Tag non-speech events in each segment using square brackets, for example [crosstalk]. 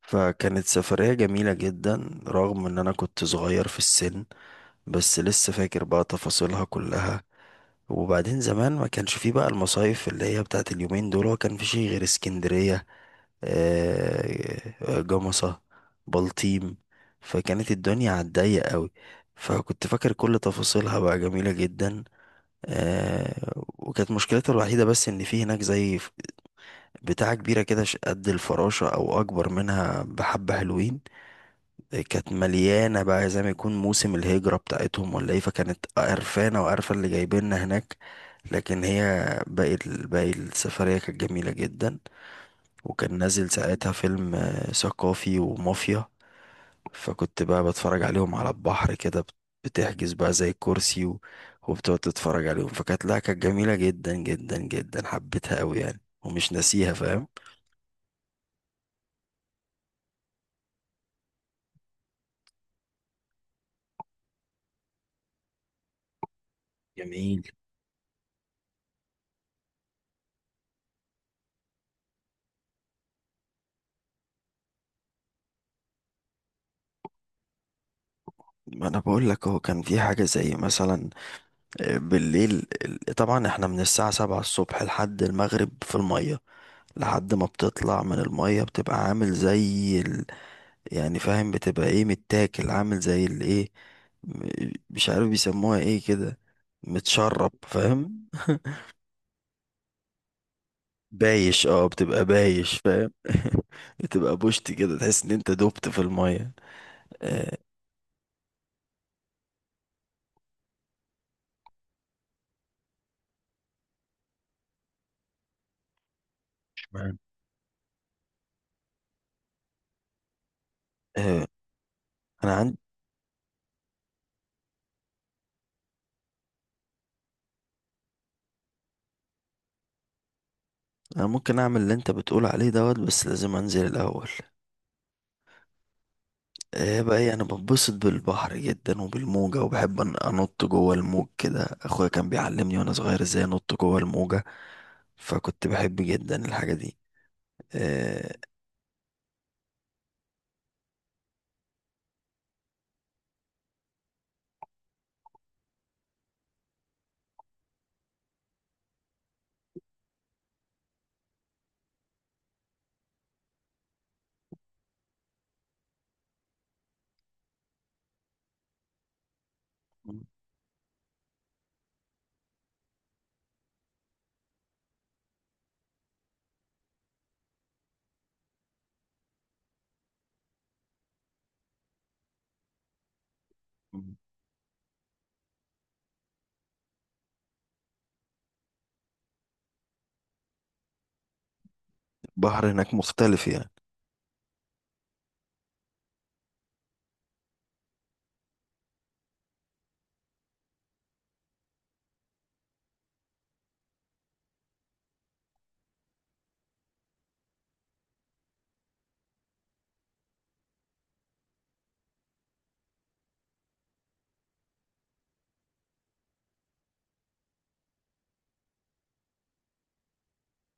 فكانت سفرية جميلة جدا رغم ان انا كنت صغير في السن. بس لسه فاكر بقى تفاصيلها كلها. وبعدين زمان ما كانش فيه بقى المصايف اللي هي بتاعت اليومين دول، هو كان في شيء غير اسكندرية. جمصة، بلطيم. فكانت الدنيا على الضيق قوي. فكنت فاكر كل تفاصيلها بقى جميلة جدا. آه، وكانت مشكلتها الوحيدة بس ان في هناك زي بتاعة كبيرة كده قد الفراشة أو أكبر منها بحبة، حلوين. كانت مليانة بقى زي ما يكون موسم الهجرة بتاعتهم ولا إيه، فكانت قرفانة وقرفة اللي جايبيننا هناك. لكن هي باقي السفرية كانت جميلة جدا. وكان نازل ساعتها فيلم ثقافي ومافيا. فكنت بقى بتفرج عليهم على البحر كده، بتحجز بقى زي كرسي وبتقعد تتفرج عليهم. فكانت لا كانت جميلة جدا جدا جدا، حبيتها أوي يعني ومش ناسيها، فاهم؟ جميل. ما انا بقول لك، هو كان في حاجه زي مثلا بالليل طبعا احنا من الساعه 7 الصبح لحد المغرب في الميه. لحد ما بتطلع من الميه بتبقى عامل زي ال... يعني فاهم؟ بتبقى ايه، متاكل، عامل زي الايه، مش عارف بيسموها ايه كده، متشرب، فاهم؟ [laughs] بايش، اه بتبقى بايش، فاهم؟ [laughs] بتبقى بوشت كده، تحس ان انت دبت في الميه. آه، اشمعنى؟ آه، انا ممكن اعمل اللي انت بتقول عليه دوت، بس لازم انزل الاول. ايه بقى انا بنبسط بالبحر جدا وبالموجة، وبحب انط جوه الموج كده، اخويا كان بيعلمني وانا صغير ازاي انط جوه الموجة. فكنت بحب جدا الحاجة دي. إيه، البحر هناك مختلف يعني.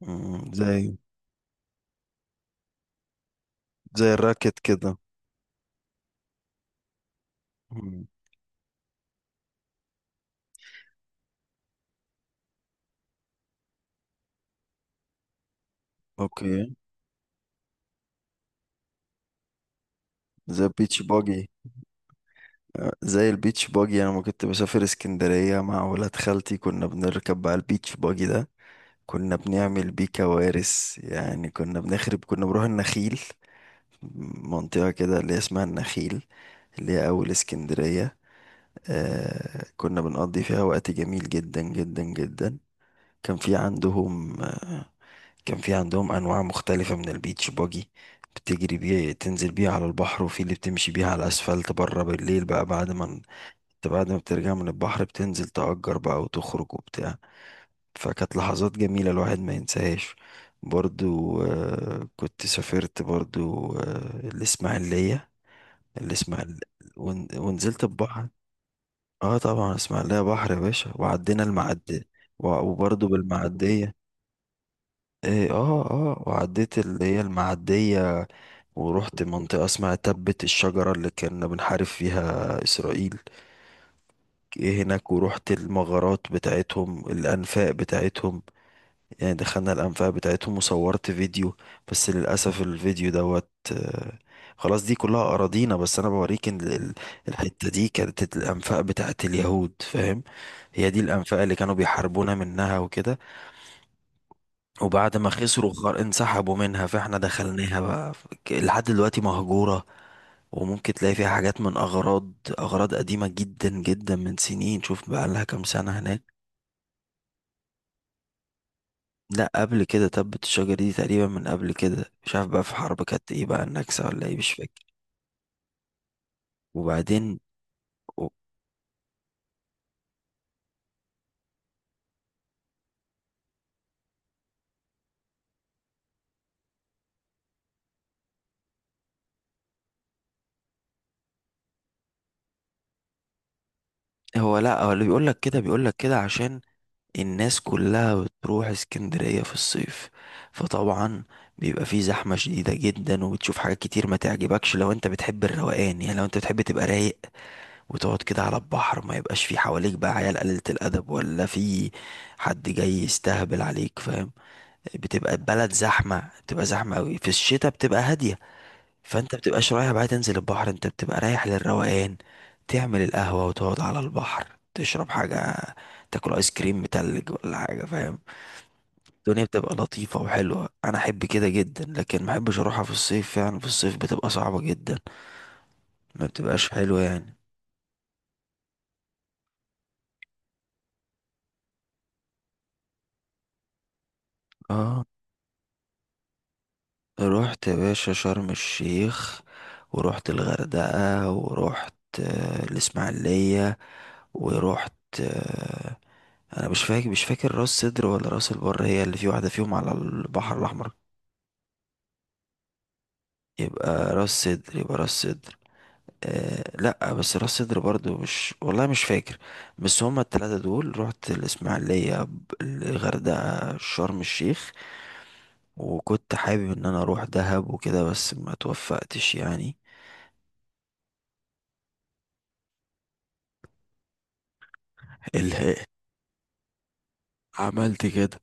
مم، زي زي الراكت كده. مم، اوكي. زي البيتش باجي. زي البيتش باجي، انا ما كنت بسافر اسكندرية مع ولاد خالتي كنا بنركب بقى البيتش باجي ده. كنا بنعمل بيه كوارث يعني، كنا بنخرب، كنا بنروح النخيل. منطقة كده اللي هي اسمها النخيل، اللي هي أول اسكندرية. آه كنا بنقضي فيها وقت جميل جدا جدا جدا. كان في عندهم آه كان في عندهم أنواع مختلفة من البيتش باجي. بتجري بيه، تنزل بيه على البحر، وفي اللي بتمشي بيه على الأسفلت بره بالليل بقى، بعد ما بترجع من البحر بتنزل تأجر بقى وتخرج وبتاع. فكانت لحظات جميلة الواحد ما ينساهاش. برضو كنت سافرت برضو الإسماعيلية. الإسماعيل ونزلت البحر. اه طبعا إسماعيلية بحر يا باشا، وعدينا المعدية. وبرضو بالمعدية. اه اه وعديت اللي هي المعدية، ورحت منطقة اسمها تبة الشجرة اللي كنا بنحارب فيها إسرائيل. إيه هناك، ورحت المغارات بتاعتهم، الأنفاق بتاعتهم. يعني دخلنا الأنفاق بتاعتهم وصورت فيديو، بس للأسف الفيديو دوت خلاص. دي كلها أراضينا، بس أنا بوريك إن الحتة دي كانت الأنفاق بتاعت اليهود، فاهم؟ هي دي الأنفاق اللي كانوا بيحاربونا منها وكده. وبعد ما خسروا، انسحبوا منها فإحنا دخلناها بقى، لحد دلوقتي مهجورة. وممكن تلاقي فيها حاجات من أغراض قديمة جدا جدا من سنين، شوف بقى لها كام سنة هناك. لا قبل كده، تبت الشجرة دي تقريبا من قبل كده، مش عارف بقى في حرب كانت ايه بقى، النكسة ولا ايه، مش فاكر. وبعدين و- هو لا هو اللي بيقول لك كده بيقول لك كده عشان الناس كلها بتروح اسكندرية في الصيف. فطبعا بيبقى فيه زحمة شديدة جدا، وبتشوف حاجات كتير ما تعجبكش لو انت بتحب الروقان. يعني لو انت بتحب تبقى رايق وتقعد كده على البحر، ما يبقاش فيه حواليك بقى عيال قليلة الأدب، ولا فيه حد جاي يستهبل عليك، فاهم؟ بتبقى البلد زحمة، بتبقى زحمة قوي. في الشتاء بتبقى هادية، فانت بتبقاش رايح بقى تنزل البحر، انت بتبقى رايح للروقان، تعمل القهوة وتقعد على البحر تشرب حاجة، تاكل ايس كريم متلج ولا حاجة، فاهم؟ الدنيا بتبقى لطيفة وحلوة، انا احب كده جدا. لكن ما احبش اروحها في الصيف يعني، في الصيف بتبقى صعبة جدا، ما بتبقاش حلوة يعني. اه، رحت يا باشا شرم الشيخ، ورحت الغردقة، ورحت الإسماعيلية، ورحت آه، أنا مش فاكر، مش فاكر، راس سدر ولا راس البر هي اللي في، واحدة فيهم على البحر الأحمر. يبقى راس سدر، يبقى راس سدر. أه لأ، بس راس سدر برضو مش، والله مش فاكر. بس هما التلاتة دول رحت الإسماعيلية، الغردقة، شرم الشيخ. وكنت حابب ان انا اروح دهب وكده، بس ما توفقتش يعني. [laughs] عملت كده،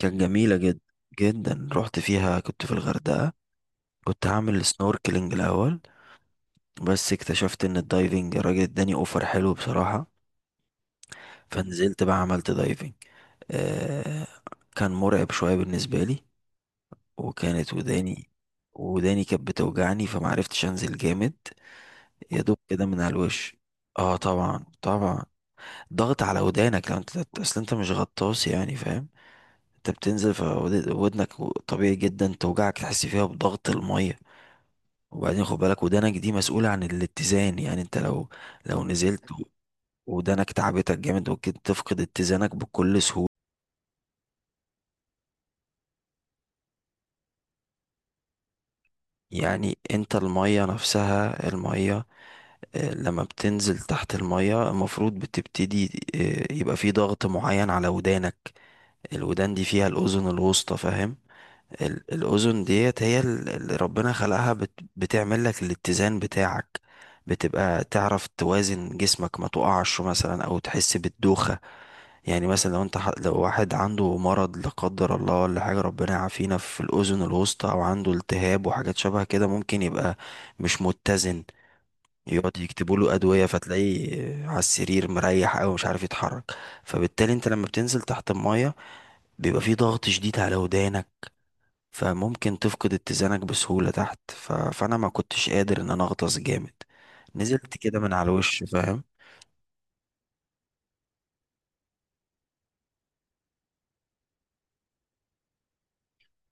كانت جميلة جدا جدا. رحت فيها كنت في الغردقة، كنت هعمل سنوركلينج الأول، بس اكتشفت إن الدايفنج الراجل اداني أوفر، حلو بصراحة. فنزلت بقى عملت دايفنج. آه كان مرعب شوية بالنسبة لي، وكانت وداني وداني كانت بتوجعني فمعرفتش أنزل جامد، يا دوب كده من على الوش. اه طبعا طبعا، ضغط على ودانك. لو انت، اصل انت مش غطاس يعني فاهم؟ انت بتنزل فودنك، طبيعي جدا توجعك، تحس فيها بضغط المية. وبعدين خد بالك ودانك دي مسؤولة عن الاتزان، يعني انت لو نزلت ودانك تعبتك جامد، ممكن تفقد اتزانك بكل سهولة. يعني انت المية نفسها، المية لما بتنزل تحت المية المفروض بتبتدي يبقى في ضغط معين على ودانك. الودان دي فيها الأذن الوسطى، فاهم؟ الأذن ديت هي اللي ربنا خلقها بت بتعمل لك الاتزان بتاعك، بتبقى تعرف توازن جسمك، ما تقعش مثلا او تحس بالدوخة. يعني مثلا لو انت لو واحد عنده مرض لا قدر الله ولا حاجة، ربنا يعافينا، في الأذن الوسطى او عنده التهاب وحاجات شبه كده، ممكن يبقى مش متزن، يقعد يكتبوا له أدوية فتلاقيه على السرير مريح أوي مش عارف يتحرك. فبالتالي انت لما بتنزل تحت المية بيبقى في ضغط شديد على ودانك، فممكن تفقد اتزانك بسهولة تحت. ف... فأنا ما كنتش قادر إن أنا أغطس جامد، نزلت كده من على الوش، فاهم؟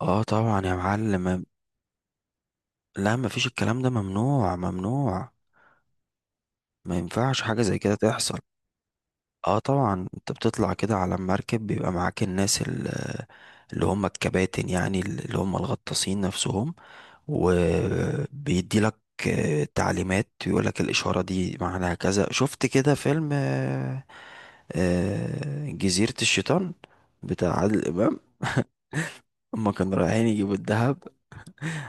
اه طبعا يا معلم، لا مفيش الكلام ده ممنوع ممنوع، ما ينفعش حاجة زي كده تحصل. اه طبعا انت بتطلع كده على المركب، بيبقى معاك الناس اللي هم الكباتن، يعني اللي هم الغطاسين نفسهم، وبيدي لك تعليمات، يقول لك الإشارة دي معناها كذا. شفت كده فيلم جزيرة الشيطان بتاع عادل إمام؟ هما كانوا رايحين يجيبوا الذهب.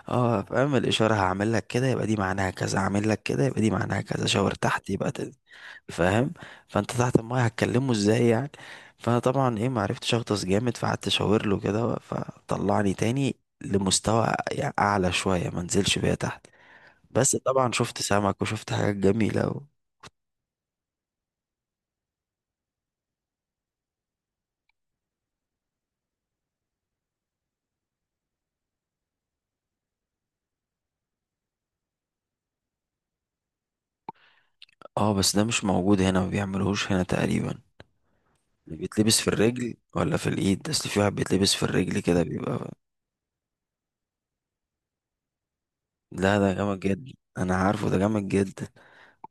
اه فاهم، الإشارة هعمل لك كده يبقى دي معناها كذا، هعمل لك كده يبقى دي معناها كذا، شاور تحت يبقى فاهم؟ فانت تحت المايه هتكلمه ازاي يعني؟ فانا طبعا ايه معرفتش اغطس جامد، فقعدت اشاور له كده فطلعني تاني لمستوى يعني اعلى شوية، ما نزلش بيها تحت. بس طبعا شفت سمك وشفت حاجات جميلة و... اه بس ده مش موجود هنا، ما بيعملوهوش هنا تقريبا. اللي بيتلبس في الرجل ولا في الايد؟ اصل في واحد بيتلبس في الرجل كده بيبقى، لا ده جامد جدا، انا عارفه، ده جامد جدا،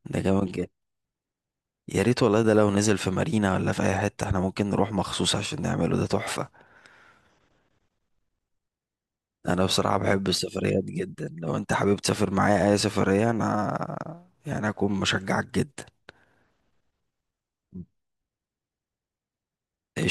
ده جامد جدا. يا ريت والله، ده لو نزل في مارينا ولا في اي حته احنا ممكن نروح مخصوص عشان نعمله، ده تحفه. انا بصراحه بحب السفريات جدا، لو انت حابب تسافر معايا اي سفريه انا يعني هكون مشجعك جدا.